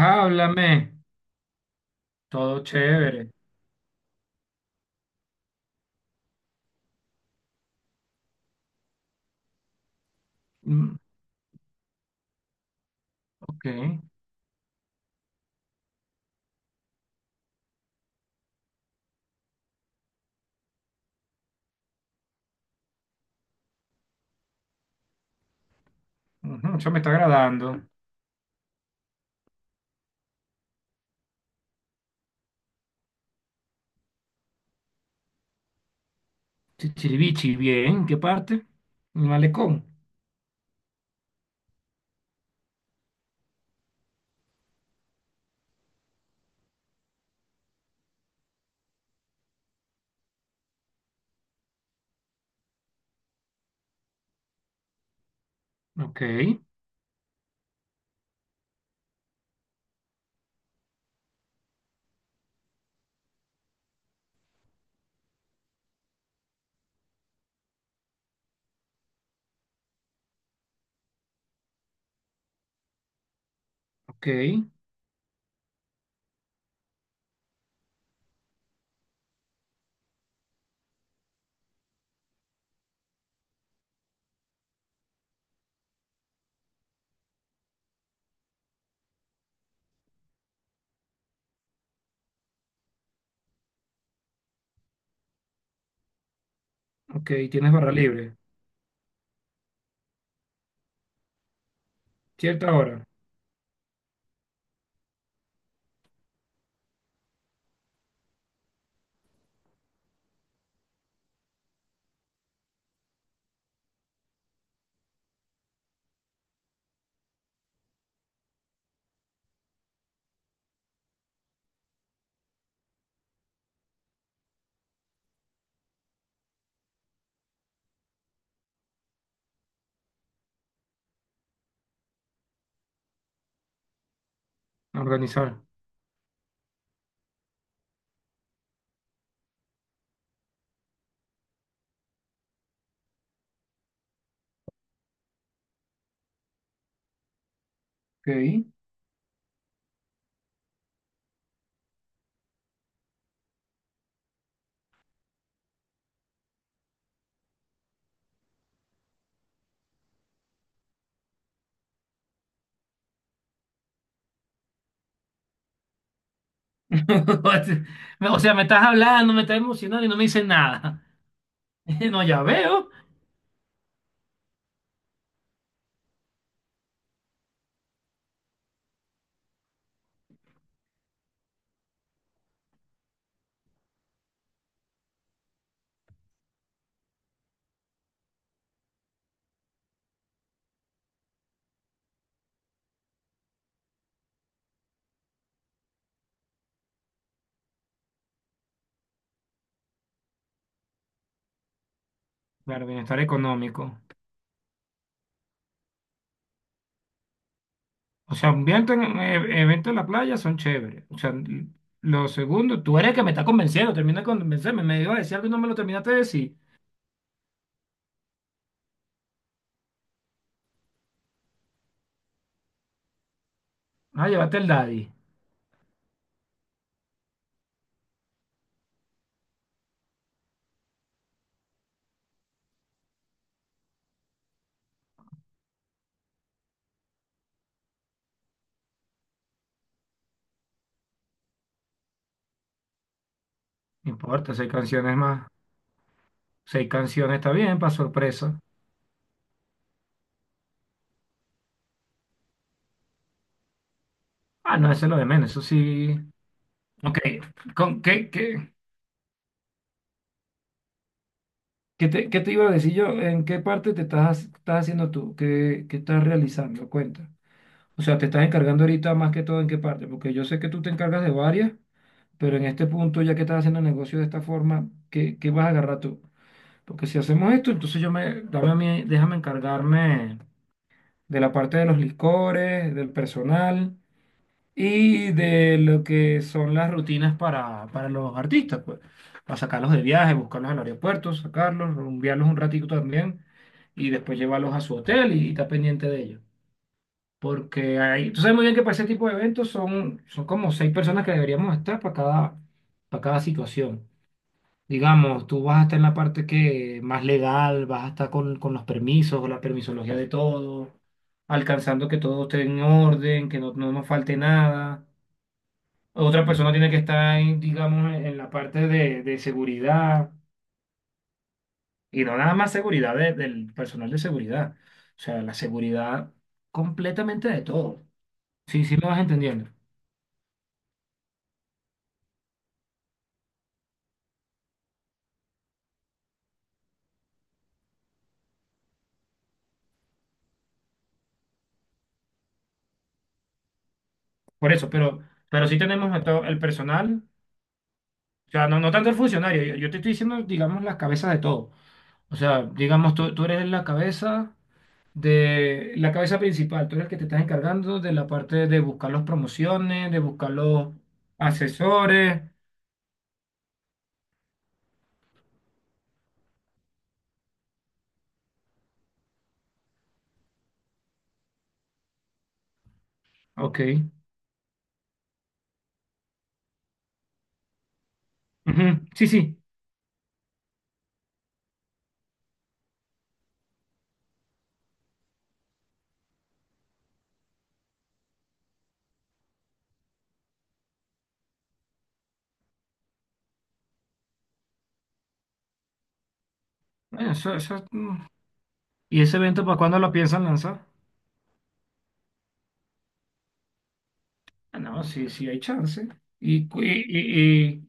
Háblame, todo chévere. Mm, ok, ujú, eso me está agradando. Chichiribichi, bien, ¿qué parte? Malecón. Ok, ok, ok, tienes barra libre. Cierta hora, a organizar. Ok. O sea, me estás hablando, me estás emocionando y no me dices nada. No, ya veo. Claro, bienestar económico. O sea, eventos en, evento en la playa son chéveres. O sea, lo segundo, tú eres el que me está convenciendo, termina de convencerme. Me iba a decir algo y no me lo terminaste de decir. Ah, llévate el Daddy. No importa, seis canciones más. Seis canciones está bien, para sorpresa. Ah, no, eso es lo de menos, eso sí. Ok, ¿con qué te iba a decir yo? ¿En qué parte te estás haciendo tú? ¿Qué estás realizando? Cuenta. O sea, te estás encargando ahorita más que todo en qué parte, porque yo sé que tú te encargas de varias, pero en este punto, ya que estás haciendo negocio de esta forma, ¿qué vas a agarrar tú? Porque si hacemos esto, entonces yo me, dame a mí, déjame encargarme de la parte de los licores, del personal y de lo que son las rutinas para los artistas, pues, para sacarlos de viaje, buscarlos al aeropuerto, sacarlos, rumbearlos un ratito también y después llevarlos a su hotel y estar pendiente de ellos. Porque ahí, tú sabes muy bien que para ese tipo de eventos son, son como seis personas que deberíamos estar para cada situación. Digamos, tú vas a estar en la parte que más legal, vas a estar con los permisos, con la permisología de todo, alcanzando que todo esté en orden, que no, no nos falte nada. Otra persona tiene que estar en, digamos, en la parte de seguridad y no nada más seguridad del personal de seguridad. O sea, la seguridad completamente de todo. Sí, sí me vas entendiendo. Por eso, pero sí tenemos a todo el personal, o sea, no, no tanto el funcionario. Yo te estoy diciendo, digamos, las cabezas de todo. O sea, digamos, tú eres la cabeza de la cabeza principal, tú eres el que te estás encargando de la parte de buscar las promociones, de buscar los asesores. Ok. Ujú. Sí, sí. Bueno, eso, mm. ¿Y ese evento para cuándo lo piensan lanzar? Ah, no, sí, sí hay chance. ¿Y, cu- y, y, y-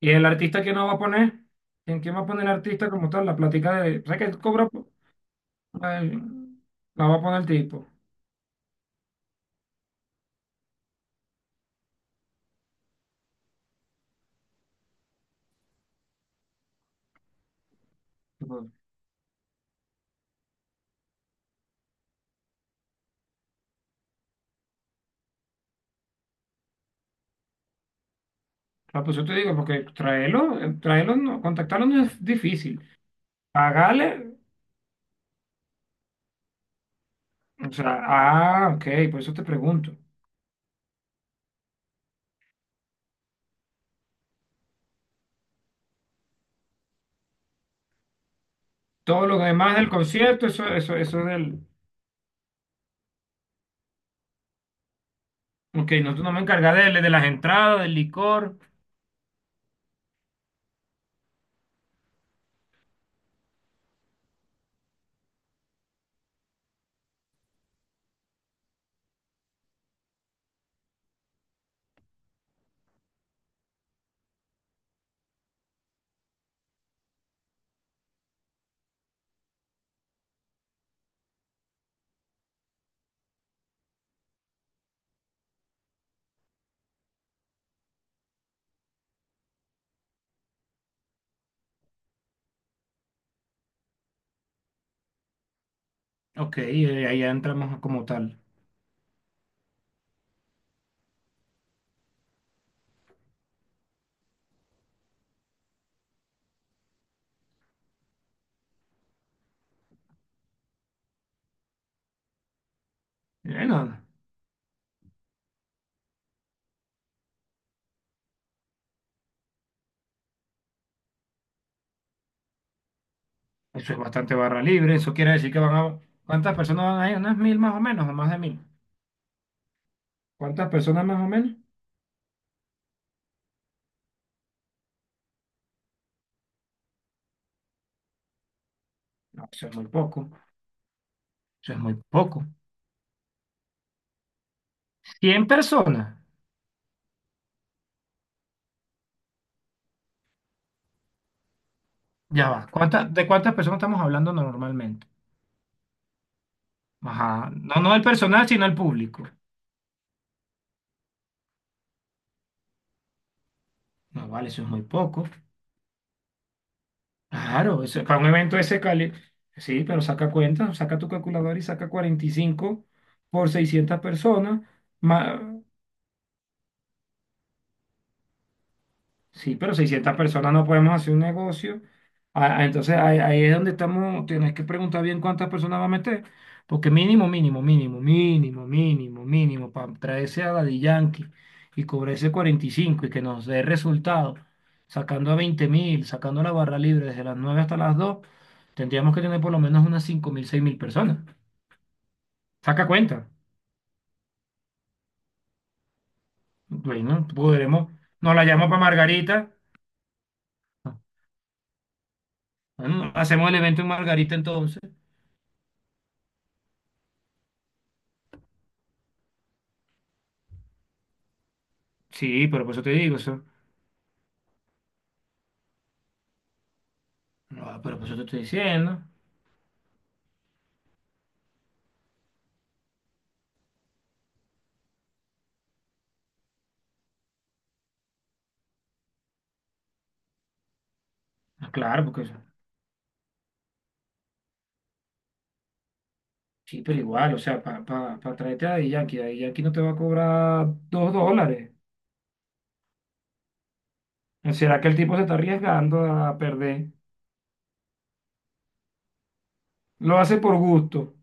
y el artista que no va a poner? ¿En quién va a poner el artista como tal? La plática de... ¿Sabes que cobra? Po. Ay, la va a poner el tipo. Tipo, ah, pues yo te digo, porque traerlo, traerlo, no, contactarlo no es difícil. Pagarle, o sea, ah, ok, por eso te pregunto. Todo lo demás del concierto, eso es del. Ok, nosotros nos vamos a encargar de las entradas, del licor. Ok, ahí ya entramos como tal. Bueno, eso es bastante barra libre. Eso quiere decir que van a... ¿Cuántas personas van a ir? Unas mil más o menos, o más de mil. ¿Cuántas personas más o menos? No, eso es muy poco. Eso es muy poco. Cien personas. Ya va. ¿Cuántas, de cuántas personas estamos hablando normalmente? Ajá. No, no el personal, sino el público. No, vale, eso es muy poco. Claro, eso, para un evento de ese cali, sí, pero saca cuenta, saca tu calculadora y saca 45 por 600 personas. Sí, pero 600 personas no podemos hacer un negocio. Ah, ah, entonces ahí, ahí es donde estamos, tienes que preguntar bien cuántas personas va a meter, porque mínimo, mínimo, mínimo, mínimo, mínimo, mínimo, para traerse a Daddy Yankee y cobrarse cuarenta y cinco y que nos dé resultado, sacando a 20 mil, sacando la barra libre desde las 9 hasta las 2, tendríamos que tener por lo menos unas 5 mil, 6 mil personas. Saca cuenta. Bueno, podremos, nos la llamo para Margarita. Bueno, hacemos el evento en Margarita entonces. Sí, pero por eso te digo, eso. No, pero por eso te estoy diciendo. Ah, claro, porque eso. Sí, pero igual, o sea, para pa, pa pa traerte a Daddy Yankee, Daddy Yankee no te va a cobrar dos dólares. ¿No, será que el tipo se está arriesgando a perder? Lo hace por gusto.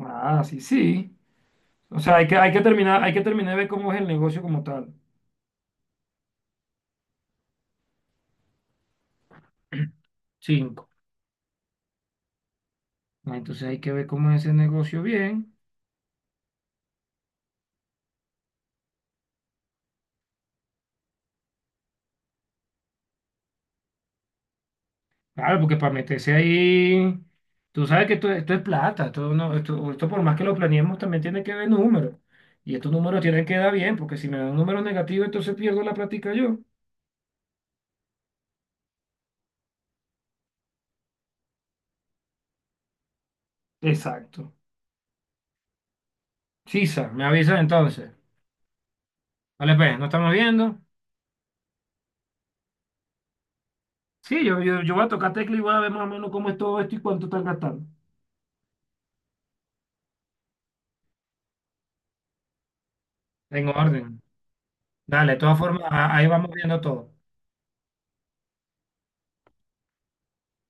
Ah, sí, sí. O sea, hay que terminar, hay que terminar de ver cómo es el negocio como tal. Cinco. Ah, entonces hay que ver cómo es ese negocio bien. Claro, porque para meterse ahí, tú sabes que esto es plata, esto, no, esto por más que lo planeemos también tiene que ver números. Y estos números tienen que dar bien, porque si me dan un número negativo, entonces pierdo la plática yo. Exacto. Sisa, me avisa entonces. Vale, pues, ¿nos estamos viendo? Sí, yo voy a tocar tecla y voy a ver más o menos cómo es todo esto y cuánto están gastando. En orden. Dale, de todas formas, ahí vamos viendo todo.